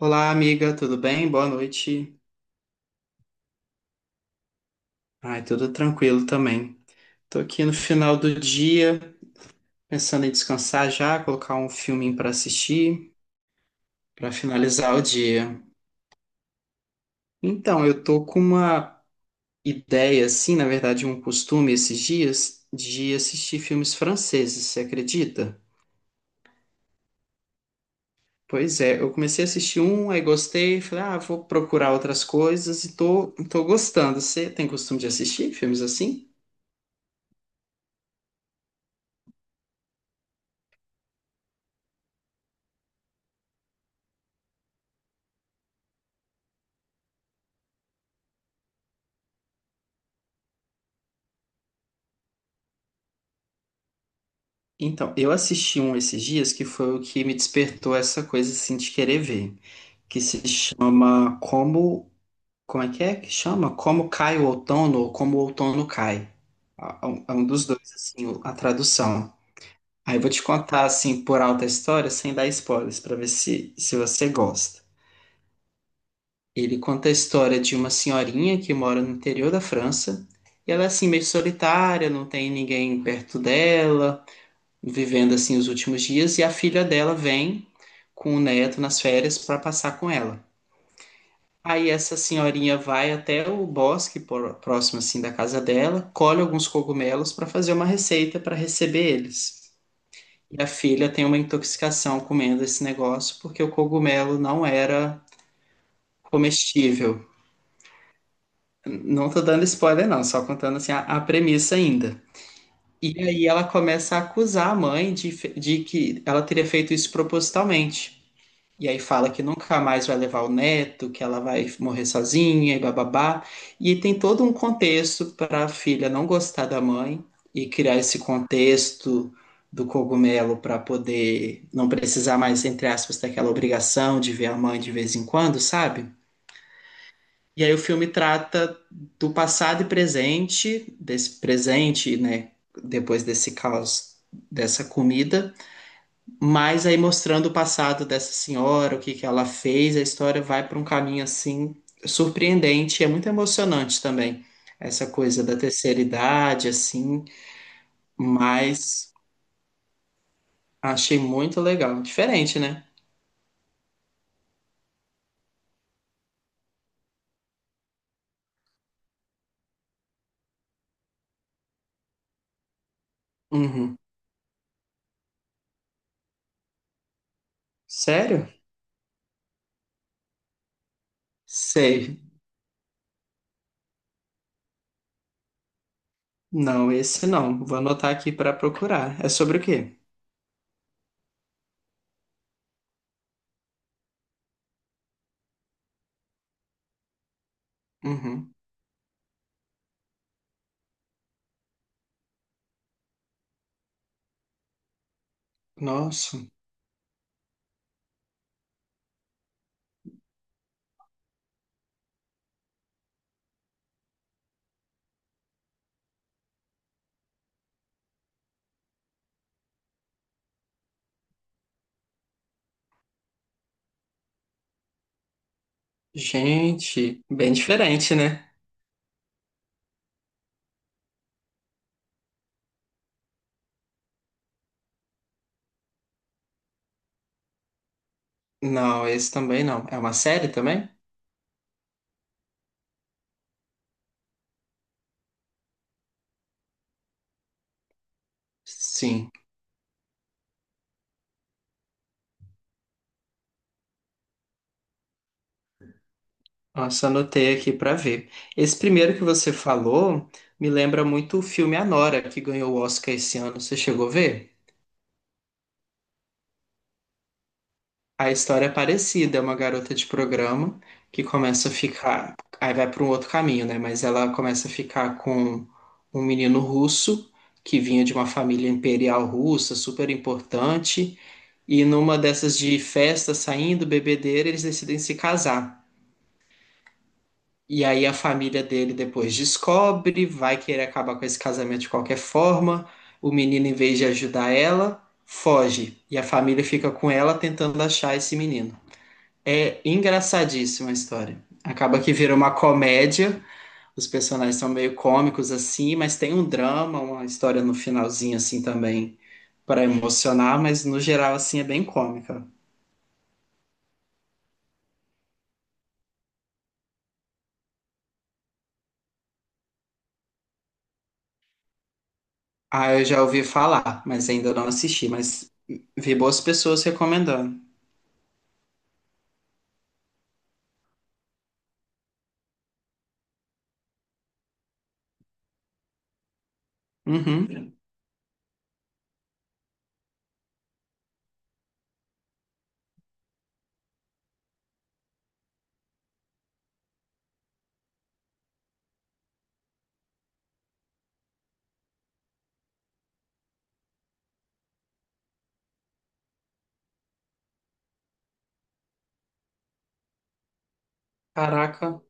Olá, amiga, tudo bem? Boa noite. Ai, tudo tranquilo também. Tô aqui no final do dia, pensando em descansar já, colocar um filminho para assistir, para finalizar o dia. Então, eu tô com uma ideia, assim, na verdade, um costume esses dias de assistir filmes franceses, você acredita? Pois é, eu comecei a assistir um, aí gostei, falei, ah, vou procurar outras coisas e tô gostando. Você tem costume de assistir filmes assim? Então, eu assisti um esses dias que foi o que me despertou essa coisa assim de querer ver, que se chama Como, como é que chama? Como cai o outono ou como o outono cai. É um dos dois assim, a tradução. Aí eu vou te contar assim por alta a história, sem dar spoilers, pra ver se você gosta. Ele conta a história de uma senhorinha que mora no interior da França, e ela é assim meio solitária, não tem ninguém perto dela vivendo assim os últimos dias e a filha dela vem com o neto nas férias para passar com ela. Aí essa senhorinha vai até o bosque próximo assim da casa dela, colhe alguns cogumelos para fazer uma receita para receber eles. E a filha tem uma intoxicação comendo esse negócio porque o cogumelo não era comestível. Não tô dando spoiler não, só contando assim a premissa ainda. E aí ela começa a acusar a mãe de que ela teria feito isso propositalmente. E aí fala que nunca mais vai levar o neto, que ela vai morrer sozinha e bababá. E tem todo um contexto para a filha não gostar da mãe e criar esse contexto do cogumelo para poder não precisar mais, entre aspas, daquela obrigação de ver a mãe de vez em quando, sabe? E aí o filme trata do passado e presente, desse presente, né, depois desse caos dessa comida, mas aí mostrando o passado dessa senhora, o que que ela fez, a história vai para um caminho assim surpreendente, é muito emocionante também. Essa coisa da terceira idade assim, mas achei muito legal, diferente, né? Uhum. Sério? Sei. Não, esse não. Vou anotar aqui para procurar. É sobre o quê? Uhum. Nossa, gente, bem diferente, né? Não, esse também não. É uma série também? Sim. Nossa, anotei aqui para ver. Esse primeiro que você falou me lembra muito o filme Anora, que ganhou o Oscar esse ano. Você chegou a ver? A história é parecida, é uma garota de programa que começa a ficar, aí vai para um outro caminho, né? Mas ela começa a ficar com um menino russo que vinha de uma família imperial russa, super importante, e numa dessas de festa, saindo, bebedeira, eles decidem se casar. E aí a família dele depois descobre, vai querer acabar com esse casamento de qualquer forma. O menino, em vez de ajudar ela, foge. E a família fica com ela tentando achar esse menino. É engraçadíssima a história. Acaba que vira uma comédia. Os personagens são meio cômicos assim, mas tem um drama, uma história no finalzinho assim também para emocionar, mas no geral assim é bem cômica. Ah, eu já ouvi falar, mas ainda não assisti, mas vi boas pessoas recomendando. Uhum. Caraca,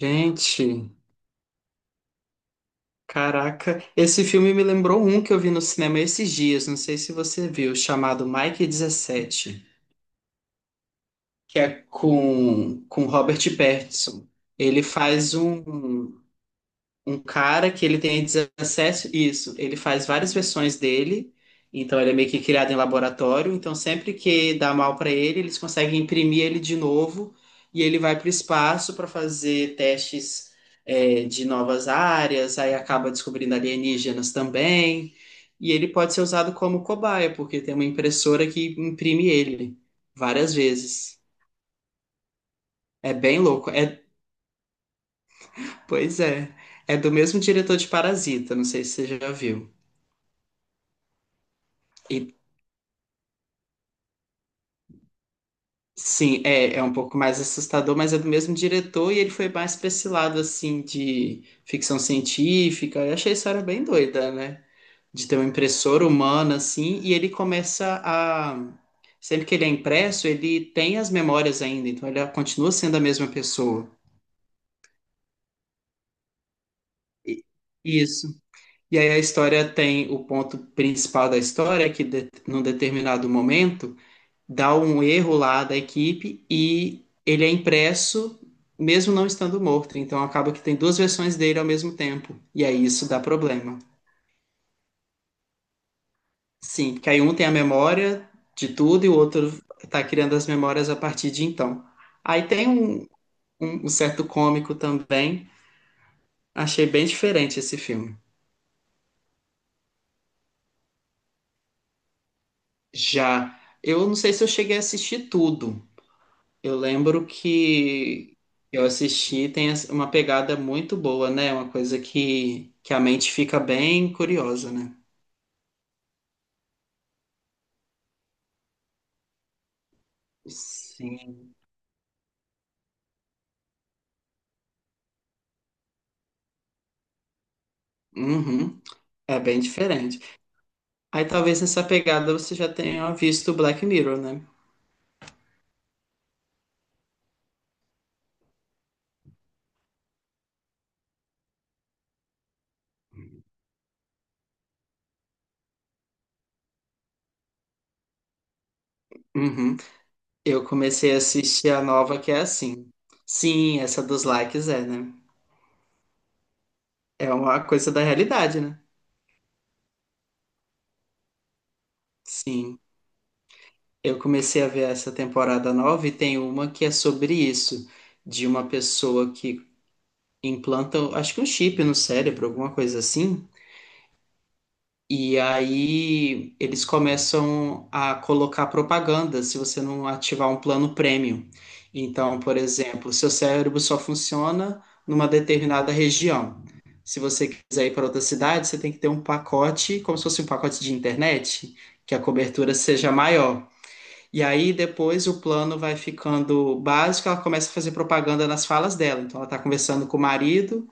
gente, caraca, esse filme me lembrou um que eu vi no cinema esses dias, não sei se você viu, chamado Mike 17, que é com Robert Pattinson. Ele faz um cara que ele tem acesso, isso, ele faz várias versões dele, então ele é meio que criado em laboratório, então sempre que dá mal para ele, eles conseguem imprimir ele de novo e ele vai para o espaço para fazer testes é, de novas áreas, aí acaba descobrindo alienígenas também, e ele pode ser usado como cobaia, porque tem uma impressora que imprime ele várias vezes. É bem louco. É, pois é. É do mesmo diretor de Parasita, não sei se você já viu. E Sim, é um pouco mais assustador, mas é do mesmo diretor e ele foi mais pra esse lado, assim, de ficção científica. Eu achei a história bem doida, né? De ter um impressor humano, assim, e ele começa a. Sempre que ele é impresso, ele tem as memórias ainda, então ele continua sendo a mesma pessoa. E- Isso. E aí a história tem o ponto principal da história, é que de, num determinado momento dá um erro lá da equipe e ele é impresso mesmo não estando morto. Então acaba que tem duas versões dele ao mesmo tempo. E aí isso dá problema. Sim, porque aí um tem a memória de tudo e o outro está criando as memórias a partir de então. Aí tem um certo cômico também. Achei bem diferente esse filme. Já eu não sei se eu cheguei a assistir tudo. Eu lembro que eu assisti, tem as- uma pegada muito boa, né? Uma coisa que a mente fica bem curiosa, né? Sim. Uhum. É bem diferente. Aí talvez nessa pegada você já tenha visto Black Mirror, né? Uhum. Eu comecei a assistir a nova que é assim. Sim, essa dos likes é, né? É uma coisa da realidade, né? Sim. Eu comecei a ver essa temporada nova e tem uma que é sobre isso, de uma pessoa que implantam, acho que um chip no cérebro, alguma coisa assim. E aí eles começam a colocar propaganda se você não ativar um plano premium. Então, por exemplo, seu cérebro só funciona numa determinada região. Se você quiser ir para outra cidade, você tem que ter um pacote, como se fosse um pacote de internet, que a cobertura seja maior. E aí depois o plano vai ficando básico, ela começa a fazer propaganda nas falas dela. Então ela está conversando com o marido.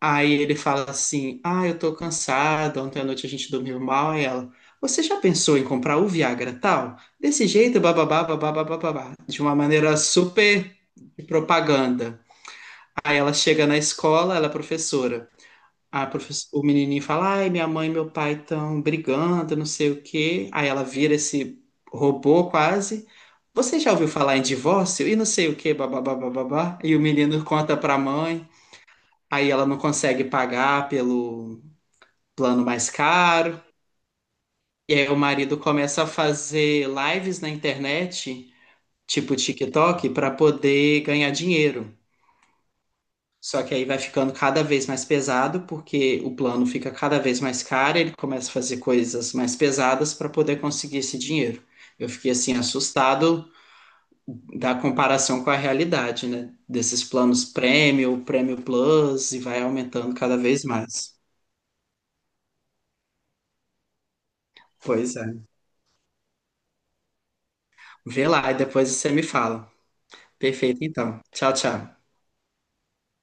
Aí ele fala assim: Ah, eu tô cansado, ontem à noite a gente dormiu mal. Aí ela: Você já pensou em comprar o Viagra tal? Desse jeito, bababá, bababá, bababá. De uma maneira super de propaganda. Aí ela chega na escola, ela é professora. O menininho fala: Ai, minha mãe e meu pai estão brigando, não sei o quê. Aí ela vira esse robô quase. Você já ouviu falar em divórcio? E não sei o quê, bababá, bababá. E o menino conta pra mãe. Aí ela não consegue pagar pelo plano mais caro. E aí o marido começa a fazer lives na internet, tipo TikTok, para poder ganhar dinheiro. Só que aí vai ficando cada vez mais pesado, porque o plano fica cada vez mais caro, ele começa a fazer coisas mais pesadas para poder conseguir esse dinheiro. Eu fiquei assim assustado da comparação com a realidade, né? Desses planos Premium, Premium Plus e vai aumentando cada vez mais. Pois é. Vê lá e depois você me fala. Perfeito, então. Tchau, tchau.